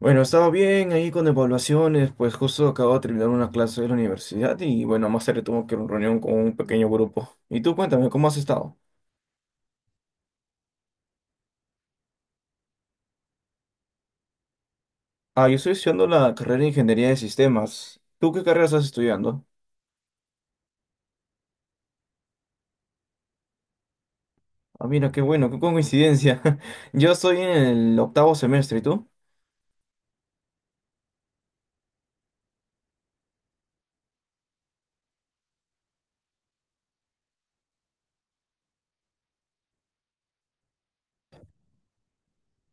Bueno, estaba bien ahí con evaluaciones, pues justo acabo de terminar una clase de la universidad y bueno, más tarde tuve que una reunión con un pequeño grupo. Y tú cuéntame, ¿cómo has estado? Ah, yo estoy estudiando la carrera de Ingeniería de Sistemas. ¿Tú qué carrera estás estudiando? Ah, mira, qué bueno, qué coincidencia. Yo estoy en el octavo semestre, ¿y tú?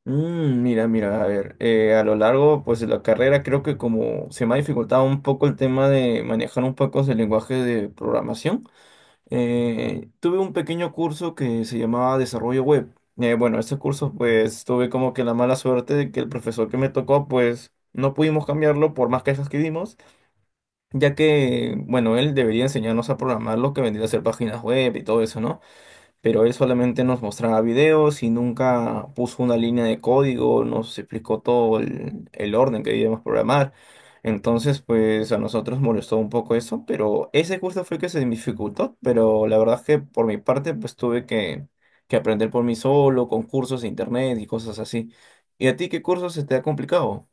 Mira, mira, a ver, a lo largo pues de la carrera creo que como se me ha dificultado un poco el tema de manejar un poco el lenguaje de programación. Tuve un pequeño curso que se llamaba Desarrollo Web. Bueno, ese curso pues tuve como que la mala suerte de que el profesor que me tocó pues no pudimos cambiarlo por más quejas que dimos, ya que bueno, él debería enseñarnos a programar lo que vendría a ser páginas web y todo eso, ¿no? Pero él solamente nos mostraba videos y nunca puso una línea de código, nos explicó todo el orden que debíamos programar. Entonces, pues a nosotros molestó un poco eso, pero ese curso fue el que se me dificultó, pero la verdad es que por mi parte, pues tuve que aprender por mí solo, con cursos de internet y cosas así. ¿Y a ti qué curso se te ha complicado?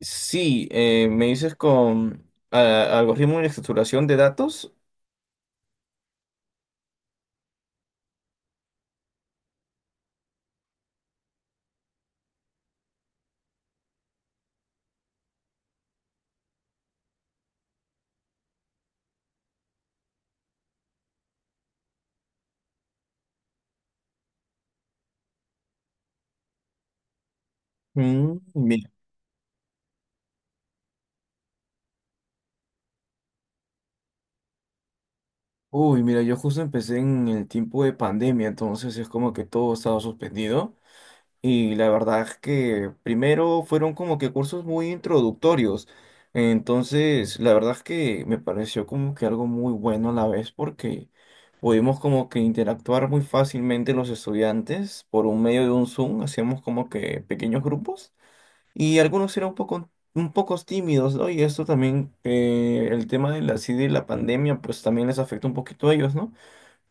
Sí, me dices con algoritmo de estructuración de datos. Mm. Uy, mira, yo justo empecé en el tiempo de pandemia, entonces es como que todo estaba suspendido. Y la verdad es que primero fueron como que cursos muy introductorios. Entonces, la verdad es que me pareció como que algo muy bueno a la vez porque pudimos como que interactuar muy fácilmente los estudiantes por un medio de un Zoom, hacíamos como que pequeños grupos y algunos eran un poco tímidos, ¿no? Y esto también, el tema de la, así de la pandemia, pues también les afectó un poquito a ellos, ¿no?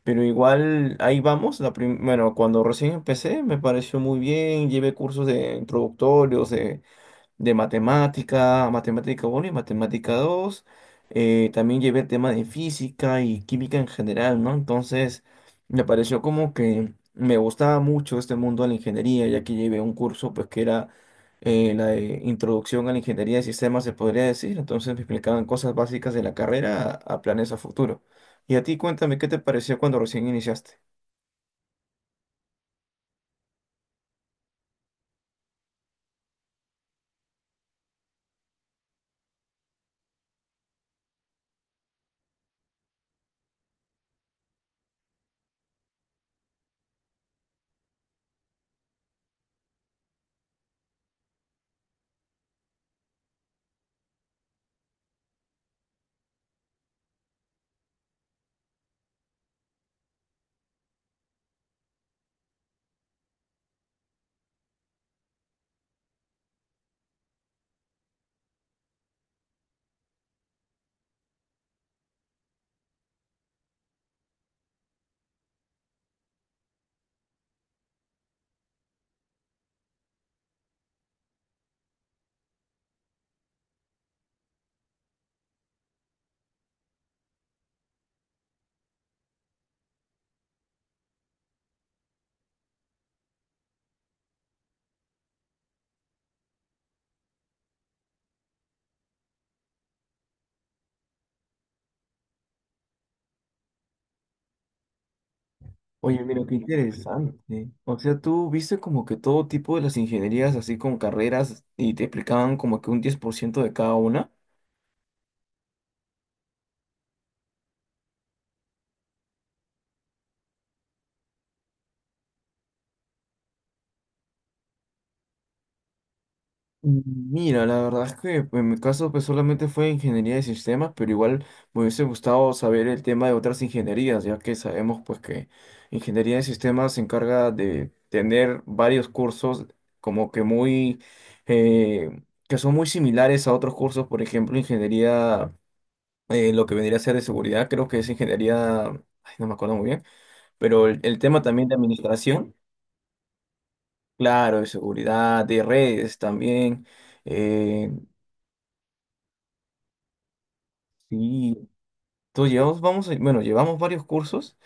Pero igual ahí vamos. Bueno, cuando recién empecé me pareció muy bien. Llevé cursos de introductorios, de matemática, matemática uno y matemática dos. También llevé el tema de física y química en general, ¿no? Entonces, me pareció como que me gustaba mucho este mundo de la ingeniería, ya que llevé un curso, pues, que era, la de introducción a la ingeniería de sistemas, se podría decir. Entonces, me explicaban cosas básicas de la carrera a planes a futuro. Y a ti, cuéntame, ¿qué te pareció cuando recién iniciaste? Oye, mira, qué interesante. O sea, tú viste como que todo tipo de las ingenierías, así con carreras, y te explicaban como que un 10% de cada una. Mira, la verdad es que pues, en mi caso pues solamente fue ingeniería de sistemas, pero igual me hubiese gustado saber el tema de otras ingenierías, ya que sabemos pues que ingeniería de sistemas se encarga de tener varios cursos como que muy, eh, que son muy similares a otros cursos, por ejemplo, ingeniería, lo que vendría a ser de seguridad, creo que es ingeniería, ay, no me acuerdo muy bien, pero el tema también de administración, claro, de seguridad, de redes también, eh, y tú llevamos, vamos, bueno, llevamos varios cursos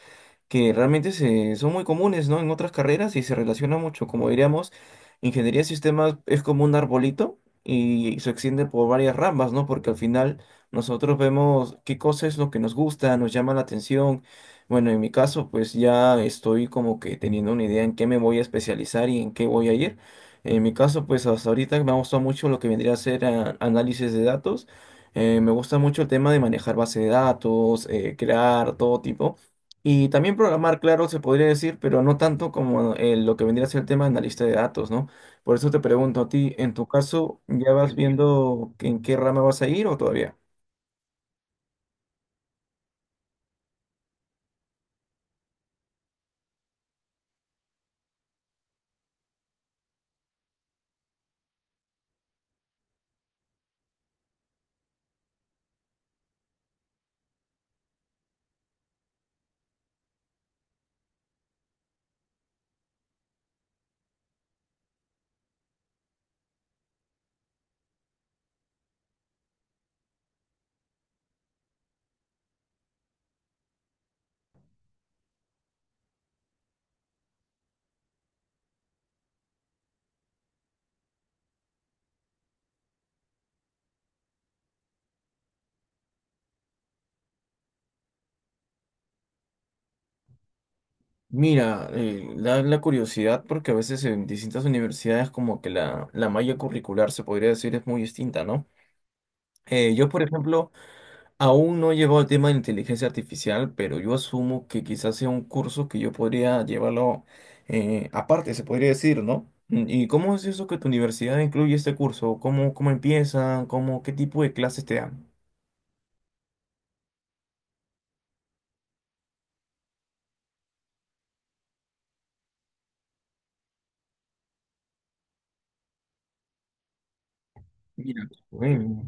que realmente son muy comunes, ¿no? En otras carreras y se relaciona mucho. Como diríamos, ingeniería de sistemas es como un arbolito y se extiende por varias ramas, ¿no? Porque al final nosotros vemos qué cosa es lo que nos gusta, nos llama la atención. Bueno, en mi caso, pues ya estoy como que teniendo una idea en qué me voy a especializar y en qué voy a ir. En mi caso, pues hasta ahorita me ha gustado mucho lo que vendría a ser, análisis de datos. Me gusta mucho el tema de manejar base de datos, crear todo tipo. Y también programar, claro, se podría decir, pero no tanto como, lo que vendría a ser el tema de analista de datos, ¿no? Por eso te pregunto a ti, en tu caso, ¿ya vas viendo en qué rama vas a ir o todavía? Mira, da la curiosidad porque a veces en distintas universidades como que la malla curricular se podría decir es muy distinta, ¿no? Yo, por ejemplo, aún no he llevado el tema de inteligencia artificial, pero yo asumo que quizás sea un curso que yo podría llevarlo, aparte, se podría decir, ¿no? ¿Y cómo es eso que tu universidad incluye este curso? ¿Cómo empiezan? ¿Qué tipo de clases te dan? Mira, qué bueno.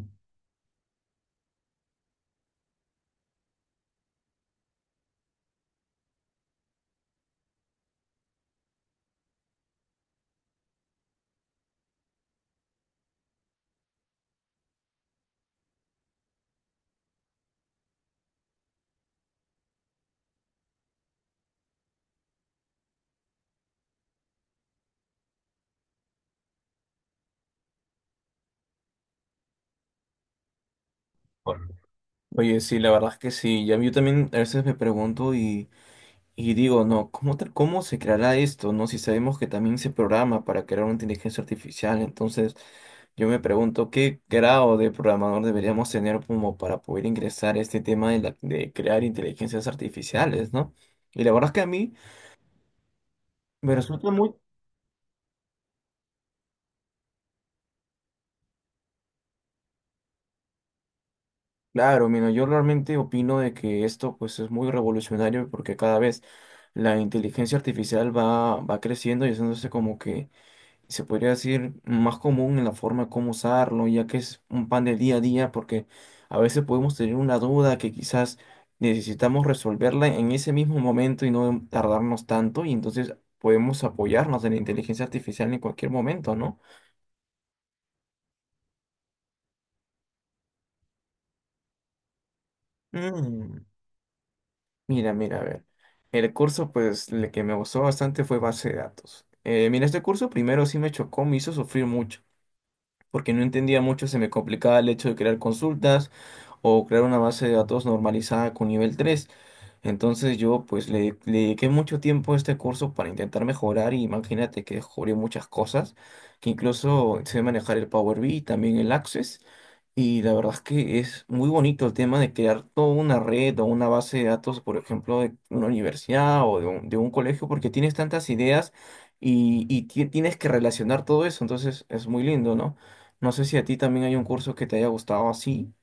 Oye, sí, la verdad es que sí. Ya yo también a veces me pregunto. Y digo, no, ¿cómo, cómo se creará esto, no? Si sabemos que también se programa para crear una inteligencia artificial, entonces yo me pregunto qué grado de programador deberíamos tener como para poder ingresar a este tema de crear inteligencias artificiales, ¿no? Y la verdad es que a mí me resulta muy claro, mira, yo realmente opino de que esto pues es muy revolucionario porque cada vez la inteligencia artificial va creciendo y haciéndose como que se podría decir, más común en la forma como usarlo, ya que es un pan del día a día, porque a veces podemos tener una duda que quizás necesitamos resolverla en ese mismo momento y no tardarnos tanto, y entonces podemos apoyarnos en la inteligencia artificial en cualquier momento, ¿no? Mm, mira, mira, a ver. El curso, pues, el que me gustó bastante fue base de datos. Mira, este curso primero sí me chocó, me hizo sufrir mucho, porque no entendía mucho, se me complicaba el hecho de crear consultas. O crear una base de datos normalizada con nivel tres. Entonces yo pues le dediqué mucho tiempo a este curso para intentar mejorar y imagínate que descubrí muchas cosas, que incluso sé manejar el Power BI, también el Access. Y la verdad es que es muy bonito el tema de crear toda una red o una base de datos, por ejemplo, de una universidad o de un colegio, porque tienes tantas ideas y tienes que relacionar todo eso. Entonces es muy lindo, ¿no? No sé si a ti también hay un curso que te haya gustado así.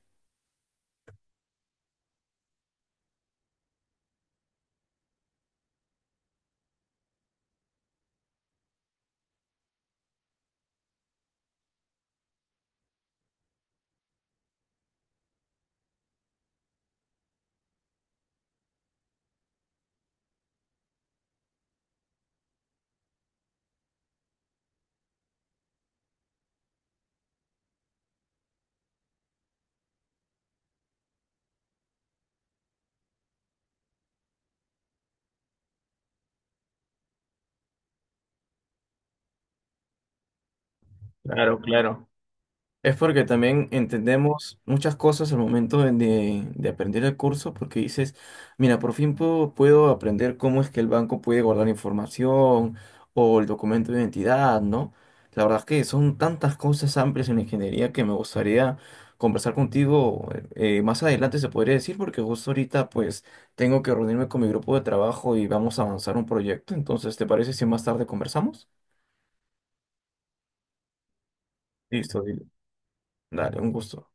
Claro, claro. Es porque también entendemos muchas cosas al momento de aprender el curso, porque dices, mira, por fin puedo aprender cómo es que el banco puede guardar información o el documento de identidad, ¿no? La verdad es que son tantas cosas amplias en la ingeniería que me gustaría conversar contigo más adelante, se podría decir, porque justo ahorita pues tengo que reunirme con mi grupo de trabajo y vamos a avanzar un proyecto, entonces, ¿te parece si más tarde conversamos? Listo, dile. Dale, un gusto.